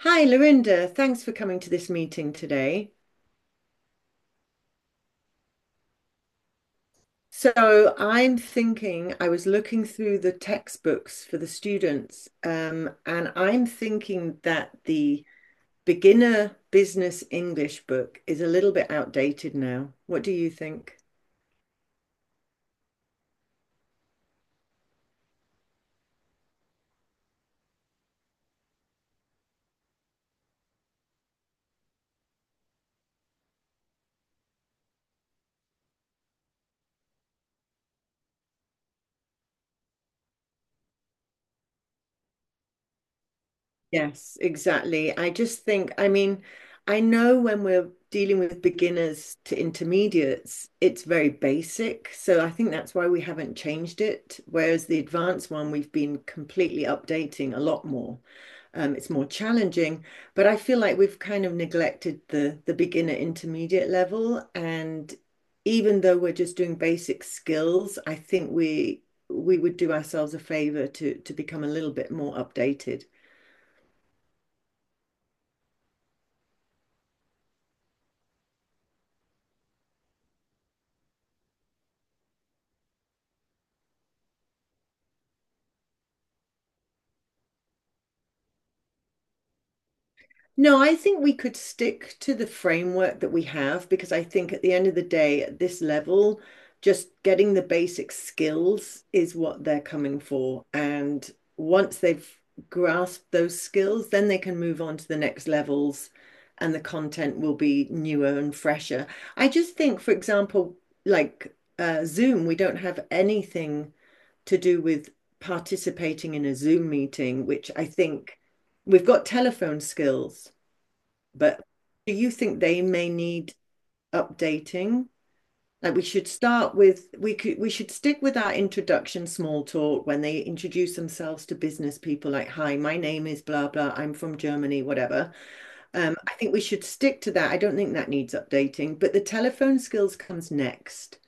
Hi, Lorinda. Thanks for coming to this meeting today. So, I'm thinking, I was looking through the textbooks for the students, and I'm thinking that the beginner business English book is a little bit outdated now. What do you think? Yes, exactly. I just think, I mean, I know when we're dealing with beginners to intermediates, it's very basic. So I think that's why we haven't changed it. Whereas the advanced one, we've been completely updating a lot more. It's more challenging, but I feel like we've kind of neglected the beginner intermediate level. And even though we're just doing basic skills, I think we would do ourselves a favor to become a little bit more updated. No, I think we could stick to the framework that we have because I think at the end of the day, at this level, just getting the basic skills is what they're coming for. And once they've grasped those skills, then they can move on to the next levels and the content will be newer and fresher. I just think, for example, like Zoom, we don't have anything to do with participating in a Zoom meeting, which I think we've got telephone skills, but do you think they may need updating? Like we should start with we could we should stick with our introduction small talk when they introduce themselves to business people, like hi, my name is blah blah, I'm from Germany, whatever. I think we should stick to that. I don't think that needs updating, but the telephone skills comes next.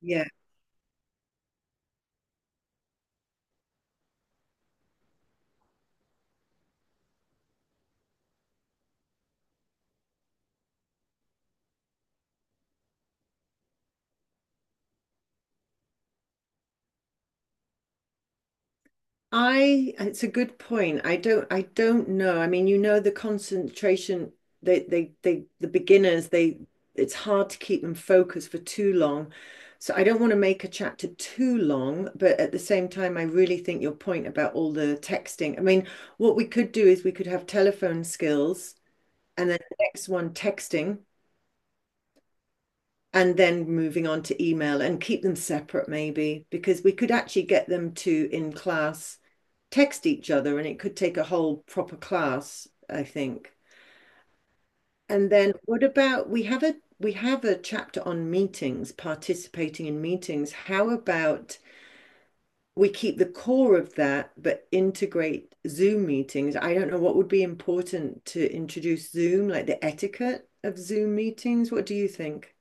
Yeah, I, it's a good point. I don't know. I mean, you know, the concentration, the beginners, they, it's hard to keep them focused for too long. So I don't want to make a chapter too long, but at the same time, I really think your point about all the texting. I mean, what we could do is we could have telephone skills and then the next one texting and then moving on to email and keep them separate maybe, because we could actually get them to in class text each other, and it could take a whole proper class, I think. And then what about we have a chapter on meetings, participating in meetings. How about we keep the core of that, but integrate Zoom meetings? I don't know what would be important to introduce Zoom, like the etiquette of Zoom meetings. What do you think?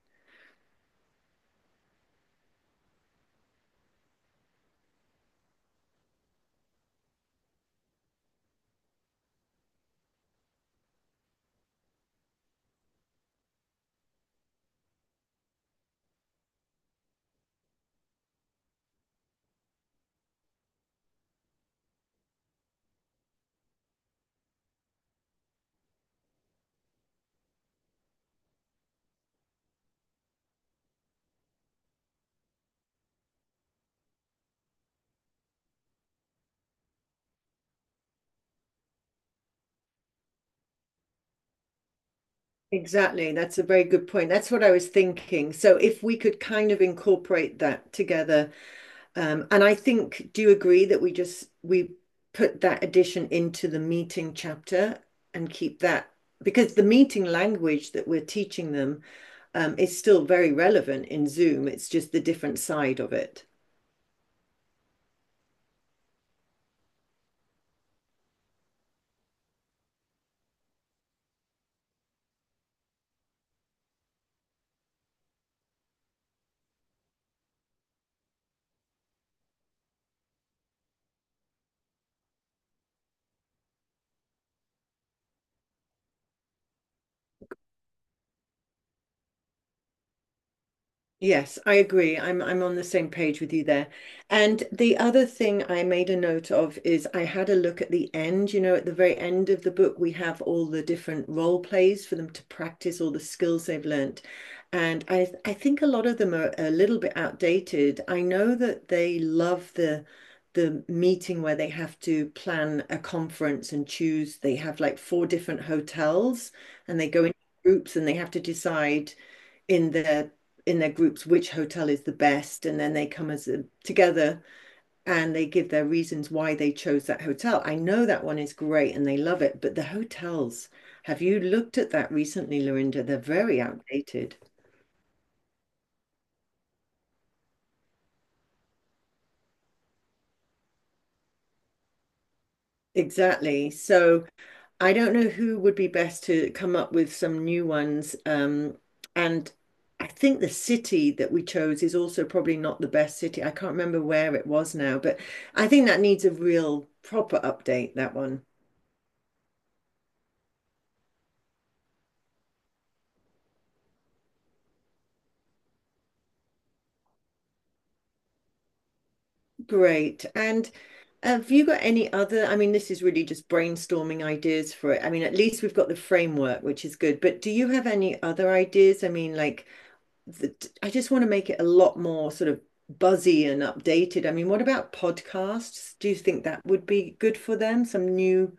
Exactly. That's a very good point. That's what I was thinking. So if we could kind of incorporate that together. And I think, do you agree that we put that addition into the meeting chapter and keep that, because the meeting language that we're teaching them is still very relevant in Zoom. It's just the different side of it. Yes, I agree. I'm on the same page with you there. And the other thing I made a note of is I had a look at the end, you know, at the very end of the book, we have all the different role plays for them to practice all the skills they've learnt. And I think a lot of them are a little bit outdated. I know that they love the meeting where they have to plan a conference and choose. They have like four different hotels, and they go in groups, and they have to decide in their groups which hotel is the best, and then they come as a, together, and they give their reasons why they chose that hotel. I know that one is great and they love it, but the hotels, have you looked at that recently, Lorinda? They're very outdated. Exactly. So I don't know who would be best to come up with some new ones. And I think the city that we chose is also probably not the best city. I can't remember where it was now, but I think that needs a real proper update, that one. Great. And have you got any other? I mean, this is really just brainstorming ideas for it. I mean, at least we've got the framework, which is good. But do you have any other ideas? I mean, like, the, I just want to make it a lot more sort of buzzy and updated. I mean, what about podcasts? Do you think that would be good for them? Some new,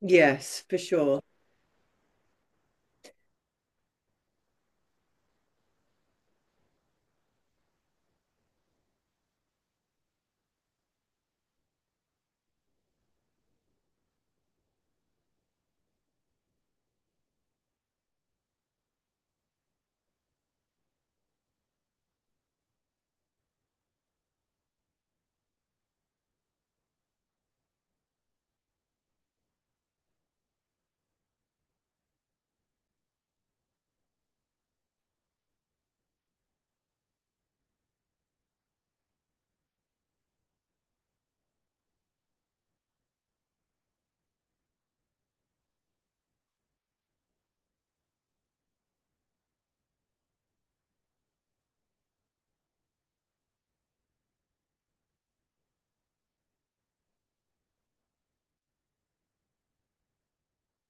yes, for sure.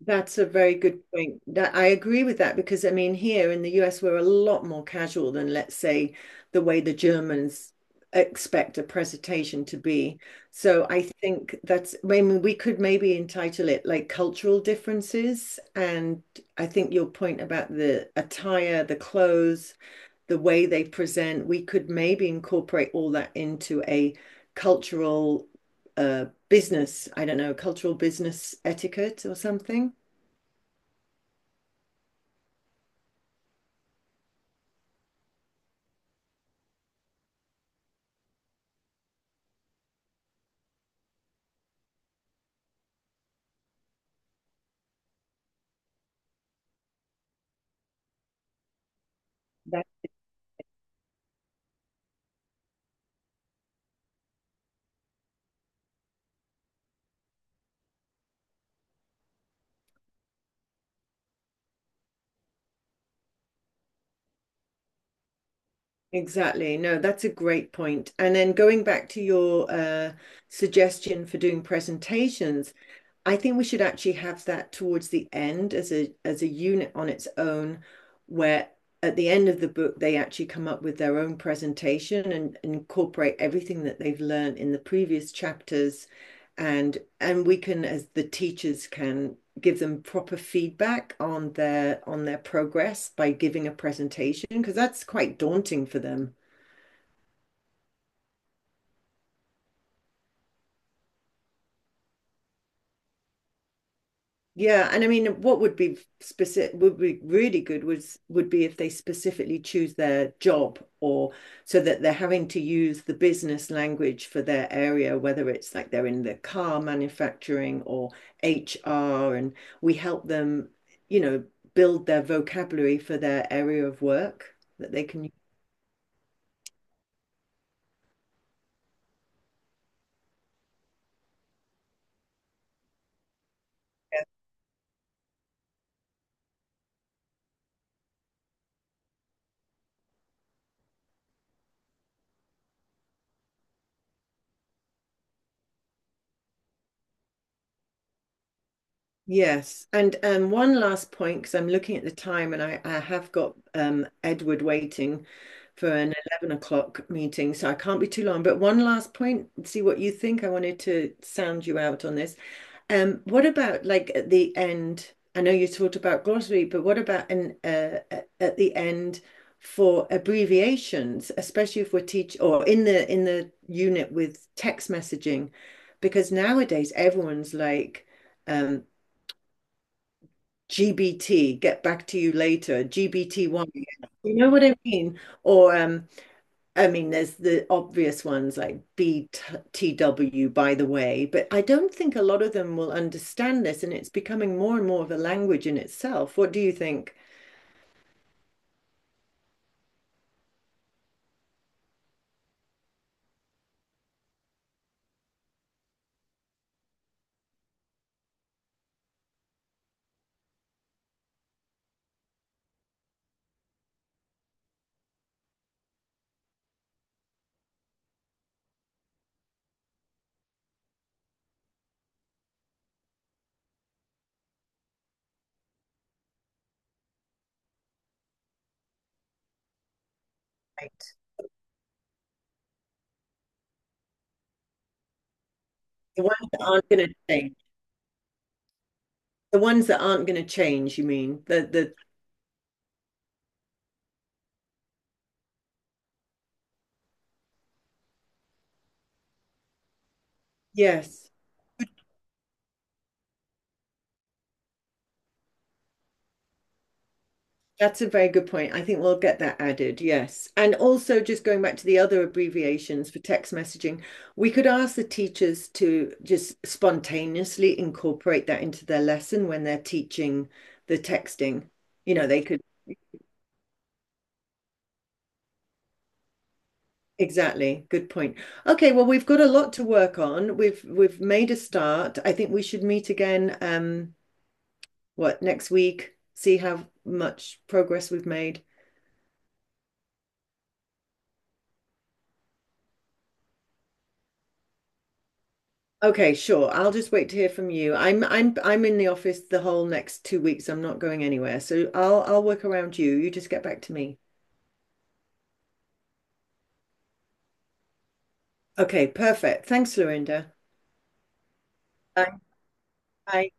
That's a very good point. That, I agree with that, because I mean here in the US we're a lot more casual than, let's say, the way the Germans expect a presentation to be. So I think that's, I mean we could maybe entitle it like cultural differences, and I think your point about the attire, the clothes, the way they present, we could maybe incorporate all that into a cultural business, I don't know, cultural business etiquette or something. Yeah, exactly. No, that's a great point. And then going back to your suggestion for doing presentations, I think we should actually have that towards the end as a unit on its own, where at the end of the book they actually come up with their own presentation, and incorporate everything that they've learned in the previous chapters, and we can as the teachers can give them proper feedback on their progress by giving a presentation, because that's quite daunting for them. Yeah, and I mean, what would be specific would be really good was would be if they specifically choose their job, or so that they're having to use the business language for their area, whether it's like they're in the car manufacturing or HR, and we help them, you know, build their vocabulary for their area of work that they can. Yes, and one last point, because I'm looking at the time and I have got Edward waiting for an 11 o'clock meeting, so I can't be too long. But one last point, see what you think. I wanted to sound you out on this. What about, like, at the end? I know you talked about glossary, but what about an at the end for abbreviations, especially if we're teach or in the unit with text messaging, because nowadays everyone's like um, GBT, get back to you later, GBT one. You know what I mean? Or I mean, there's the obvious ones like BTW, by the way, but I don't think a lot of them will understand this, and it's becoming more and more of a language in itself. What do you think? Like, the ones that aren't going to change, the ones that aren't going to change, you mean? The yes. That's a very good point. I think we'll get that added, yes. And also, just going back to the other abbreviations for text messaging, we could ask the teachers to just spontaneously incorporate that into their lesson when they're teaching the texting. You know, they could, exactly. Good point. Okay, well, we've got a lot to work on. We've made a start. I think we should meet again, what, next week, see how much progress we've made. Okay, sure. I'll just wait to hear from you. I'm in the office the whole next 2 weeks. I'm not going anywhere. So I'll work around you. You just get back to me. Okay, perfect. Thanks, Lorinda. Bye. Bye.